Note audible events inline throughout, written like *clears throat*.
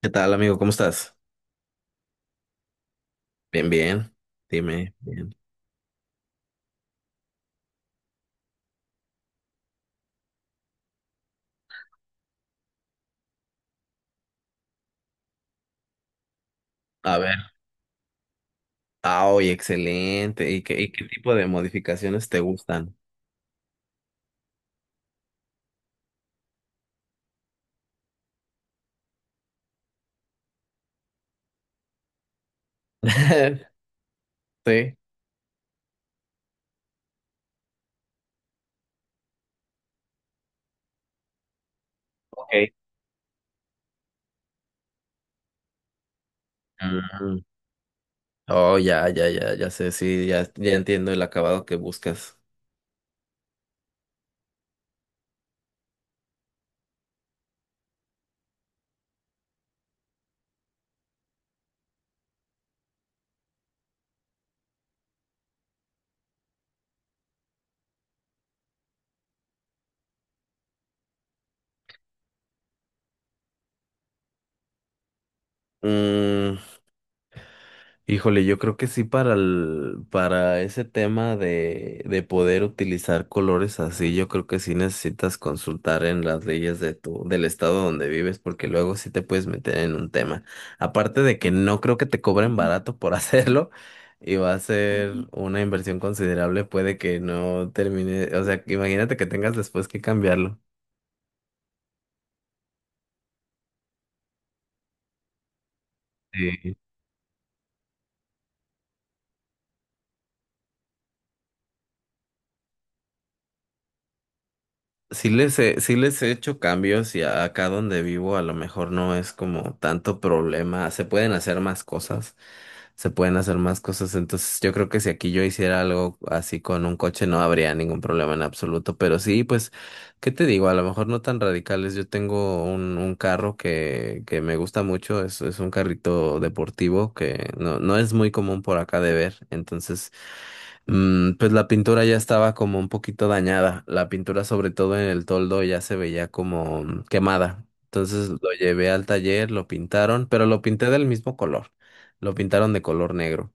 ¿Qué tal, amigo? ¿Cómo estás? Bien, bien. Dime, bien. A ver. Ah, oye, excelente. ¿Y qué tipo de modificaciones te gustan? *laughs* Sí. Ok. Mm. Oh, ya, ya, ya, ya sé. Sí, ya entiendo el acabado que buscas. Mm, Híjole, yo creo que sí para para ese tema de poder utilizar colores así, yo creo que sí necesitas consultar en las leyes de tu, del estado donde vives, porque luego sí te puedes meter en un tema. Aparte de que no creo que te cobren barato por *laughs* hacerlo, y va a ser una inversión considerable, puede que no termine, o sea, imagínate que tengas después que cambiarlo. Sí. Sí les he hecho cambios y acá donde vivo a lo mejor no es como tanto problema. Se pueden hacer más cosas, se pueden hacer más cosas. Entonces yo creo que si aquí yo hiciera algo así con un coche no habría ningún problema en absoluto. Pero sí, pues, ¿qué te digo? A lo mejor no tan radicales. Yo tengo un carro que me gusta mucho. Es un carrito deportivo que no, no es muy común por acá de ver. Entonces... Pues la pintura ya estaba como un poquito dañada. La pintura, sobre todo en el toldo, ya se veía como quemada. Entonces lo llevé al taller, lo pintaron, pero lo pinté del mismo color. Lo pintaron de color negro.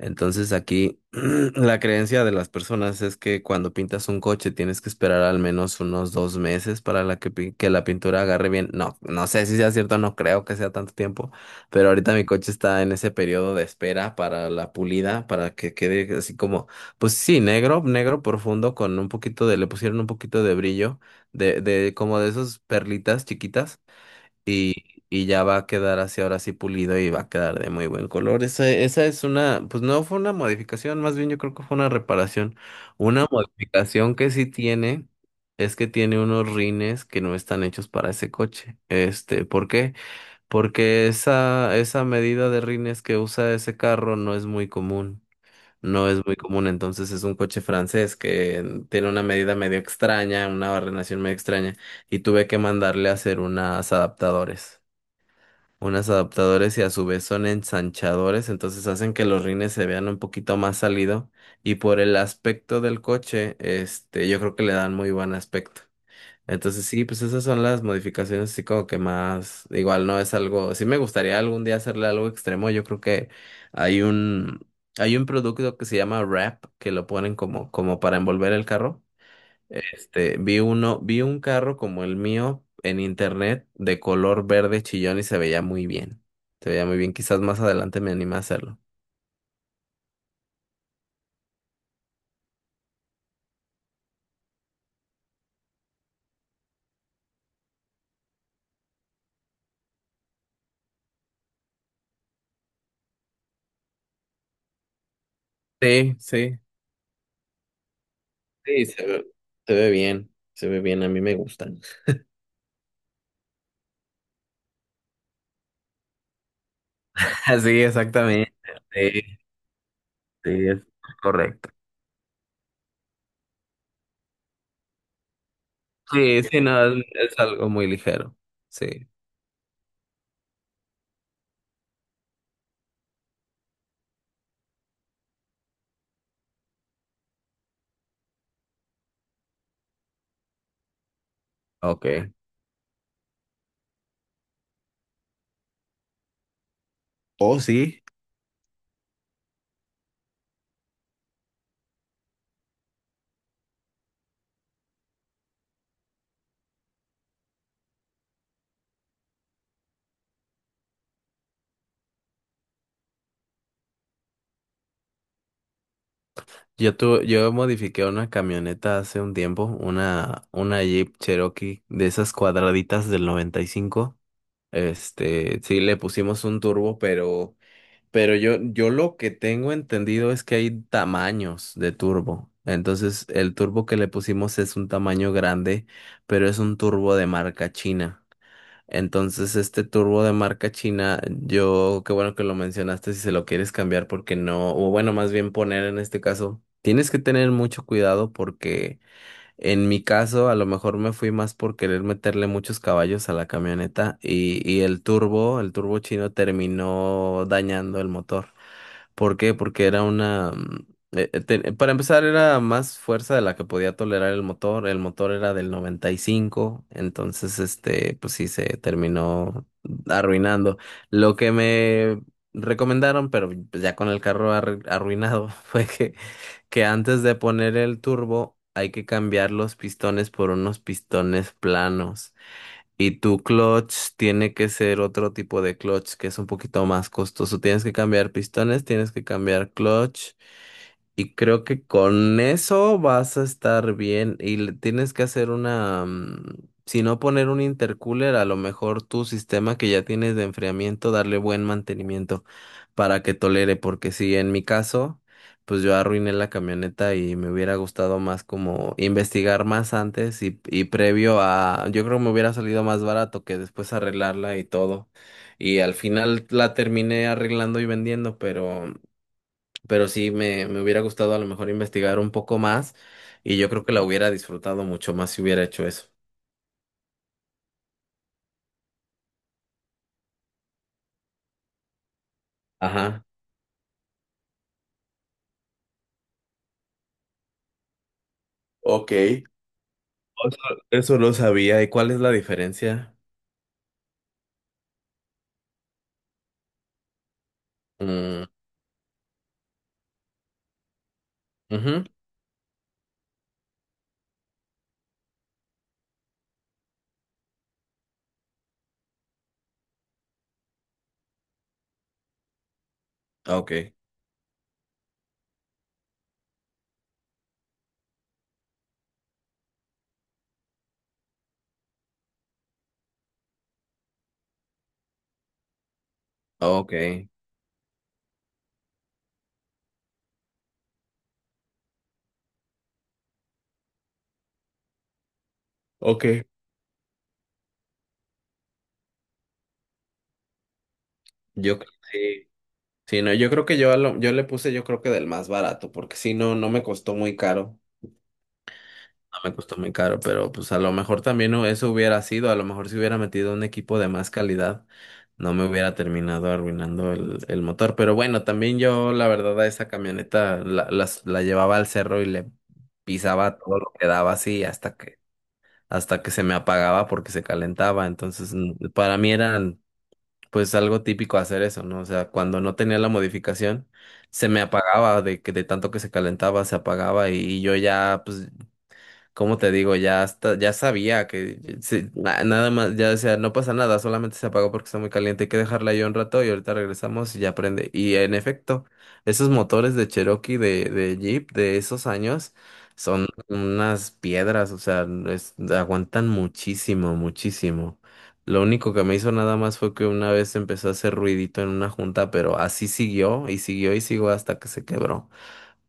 Entonces aquí *clears throat* la creencia de las personas es que cuando pintas un coche tienes que esperar al menos unos 2 meses para la que, que la pintura agarre bien. No, no sé si sea cierto, no creo que sea tanto tiempo. Pero ahorita mi coche está en ese periodo de espera para la pulida, para que quede así como pues sí, negro, negro profundo con un poquito de, le pusieron un poquito de brillo, de como de esas perlitas chiquitas y ya va a quedar así ahora sí pulido y va a quedar de muy buen color. Esa es una, pues no fue una modificación, más bien yo creo que fue una reparación. Una modificación que sí tiene es que tiene unos rines que no están hechos para ese coche. Este, ¿por qué? Porque esa medida de rines que usa ese carro no es muy común. No es muy común, entonces es un coche francés que tiene una medida medio extraña, una barrenación medio extraña, y tuve que mandarle a hacer unas adaptadores. Unas adaptadores y a su vez son ensanchadores, entonces hacen que los rines se vean un poquito más salido, y por el aspecto del coche, este, yo creo que le dan muy buen aspecto. Entonces sí, pues esas son las modificaciones así como que más, igual no es algo, sí me gustaría algún día hacerle algo extremo, yo creo que hay un, hay un producto que se llama wrap, que lo ponen como, como para envolver el carro. Este, vi un carro como el mío en internet de color verde chillón y se veía muy bien. Se veía muy bien, quizás más adelante me anime a hacerlo. Sí, sí. Sí, se ve bien, a mí me gustan. *laughs* Sí, exactamente. Sí, sí, es correcto. Sí, sí, no, es algo muy ligero. Sí, ok. Oh, sí. Yo modifiqué una camioneta hace un tiempo, una Jeep Cherokee de esas cuadraditas del 95. Este, sí, le pusimos un turbo, pero yo lo que tengo entendido es que hay tamaños de turbo. Entonces, el turbo que le pusimos es un tamaño grande, pero es un turbo de marca china. Entonces, este turbo de marca china, yo, qué bueno que lo mencionaste, si se lo quieres cambiar, porque no, o bueno, más bien poner en este caso, tienes que tener mucho cuidado porque en mi caso, a lo mejor me fui más por querer meterle muchos caballos a la camioneta y el turbo chino terminó dañando el motor. ¿Por qué? Porque era una... para empezar, era más fuerza de la que podía tolerar el motor. El motor era del 95, entonces, este, pues sí, se terminó arruinando. Lo que me recomendaron, pero pues, ya con el carro arruinado, *laughs* fue que antes de poner el turbo hay que cambiar los pistones por unos pistones planos. Y tu clutch tiene que ser otro tipo de clutch que es un poquito más costoso. Tienes que cambiar pistones, tienes que cambiar clutch. Y creo que con eso vas a estar bien y le tienes que hacer una, si no poner un intercooler, a lo mejor tu sistema que ya tienes de enfriamiento, darle buen mantenimiento para que tolere, porque si en mi caso, pues yo arruiné la camioneta y me hubiera gustado más como investigar más antes y previo a, yo creo que me hubiera salido más barato que después arreglarla y todo. Y al final la terminé arreglando y vendiendo, pero sí me hubiera gustado a lo mejor investigar un poco más y yo creo que la hubiera disfrutado mucho más si hubiera hecho eso. Ajá. Ok. Eso, eso lo sabía. ¿Y cuál es la diferencia? Mm, ujú. Ok, ok. Ah, ok. Yo creo que sí, sí, no, yo creo que yo, yo le puse yo creo que del más barato, porque si no, no me costó muy caro. No me costó muy caro, pero pues a lo mejor también eso hubiera sido, a lo mejor si hubiera metido un equipo de más calidad, no me hubiera terminado arruinando el motor. Pero bueno, también yo la verdad a esa camioneta la llevaba al cerro y le pisaba todo lo que daba así hasta que se me apagaba porque se calentaba. Entonces, para mí era pues algo típico hacer eso, ¿no? O sea, cuando no tenía la modificación se me apagaba de que de tanto que se calentaba, se apagaba y yo ya pues cómo te digo, ya hasta, ya sabía que sí, nada más, ya decía, no pasa nada, solamente se apagó porque está muy caliente, hay que dejarla ahí un rato y ahorita regresamos y ya prende. Y en efecto, esos motores de Cherokee, de Jeep, de esos años, son unas piedras, o sea, aguantan muchísimo, muchísimo. Lo único que me hizo nada más fue que una vez empezó a hacer ruidito en una junta, pero así siguió y siguió y siguió hasta que se quebró.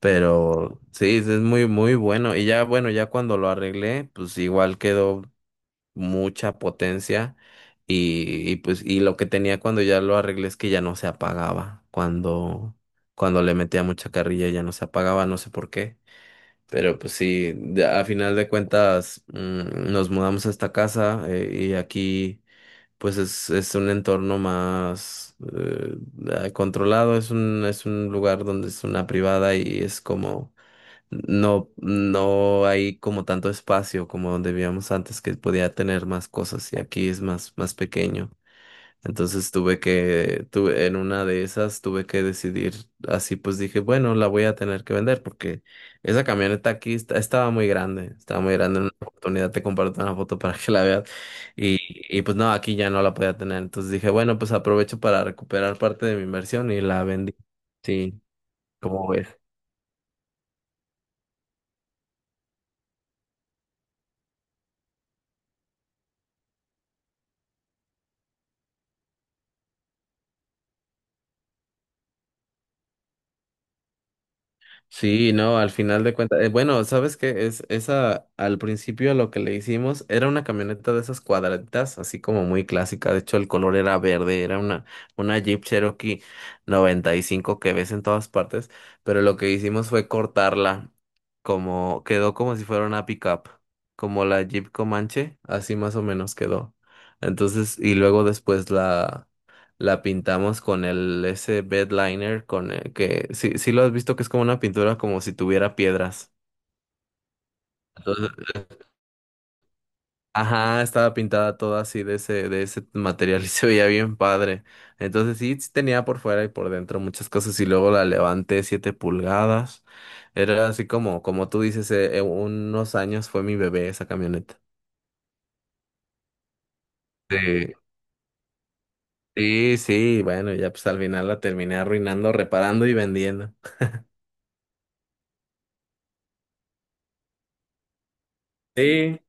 Pero sí, es muy, muy bueno. Y ya, bueno, ya cuando lo arreglé, pues igual quedó mucha potencia. Y pues, y lo que tenía cuando ya lo arreglé es que ya no se apagaba. Cuando, cuando le metía mucha carrilla ya no se apagaba, no sé por qué. Pero pues sí, a final de cuentas, nos mudamos a esta casa, y aquí pues es un entorno más controlado, es un lugar donde es una privada y es como no, no hay como tanto espacio como donde vivíamos antes que podía tener más cosas y aquí es más, más pequeño. Entonces tuve, en una de esas tuve que decidir, así pues dije, bueno, la voy a tener que vender porque esa camioneta aquí estaba muy grande, en una oportunidad te comparto una foto para que la veas y, y pues no, aquí ya no la podía tener. Entonces dije, bueno, pues aprovecho para recuperar parte de mi inversión y la vendí. Sí, como ves. Sí, no, al final de cuentas, bueno, ¿sabes qué? Es esa, al principio lo que le hicimos era una camioneta de esas cuadraditas, así como muy clásica, de hecho el color era verde, era una Jeep Cherokee 95 que ves en todas partes, pero lo que hicimos fue cortarla, como, quedó como si fuera una pickup, como la Jeep Comanche, así más o menos quedó. Entonces, y luego después la pintamos con el ese bed liner con el que sí, sí lo has visto que es como una pintura como si tuviera piedras. Entonces, ajá, estaba pintada toda así de ese material y *laughs* se veía bien padre. Entonces sí, sí tenía por fuera y por dentro muchas cosas y luego la levanté 7 pulgadas. Era así como como tú dices, unos años fue mi bebé esa camioneta. Sí, sí, bueno, ya pues al final la terminé arruinando, reparando y vendiendo. Sí.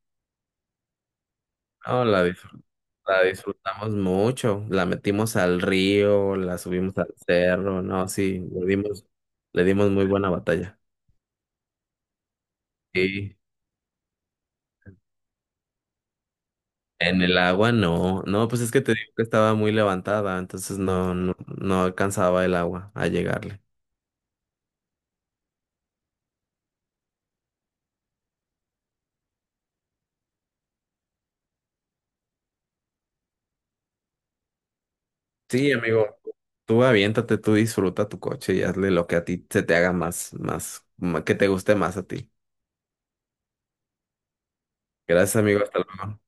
No, la disfrutamos mucho. La metimos al río, la subimos al cerro. No, sí, le dimos muy buena batalla. Sí. En el agua no. No, pues es que te digo que estaba muy levantada, entonces no, no, no alcanzaba el agua a llegarle. Sí, amigo, tú aviéntate, tú disfruta tu coche y hazle lo que a ti se te haga más, más, que te guste más a ti. Gracias, amigo, hasta luego.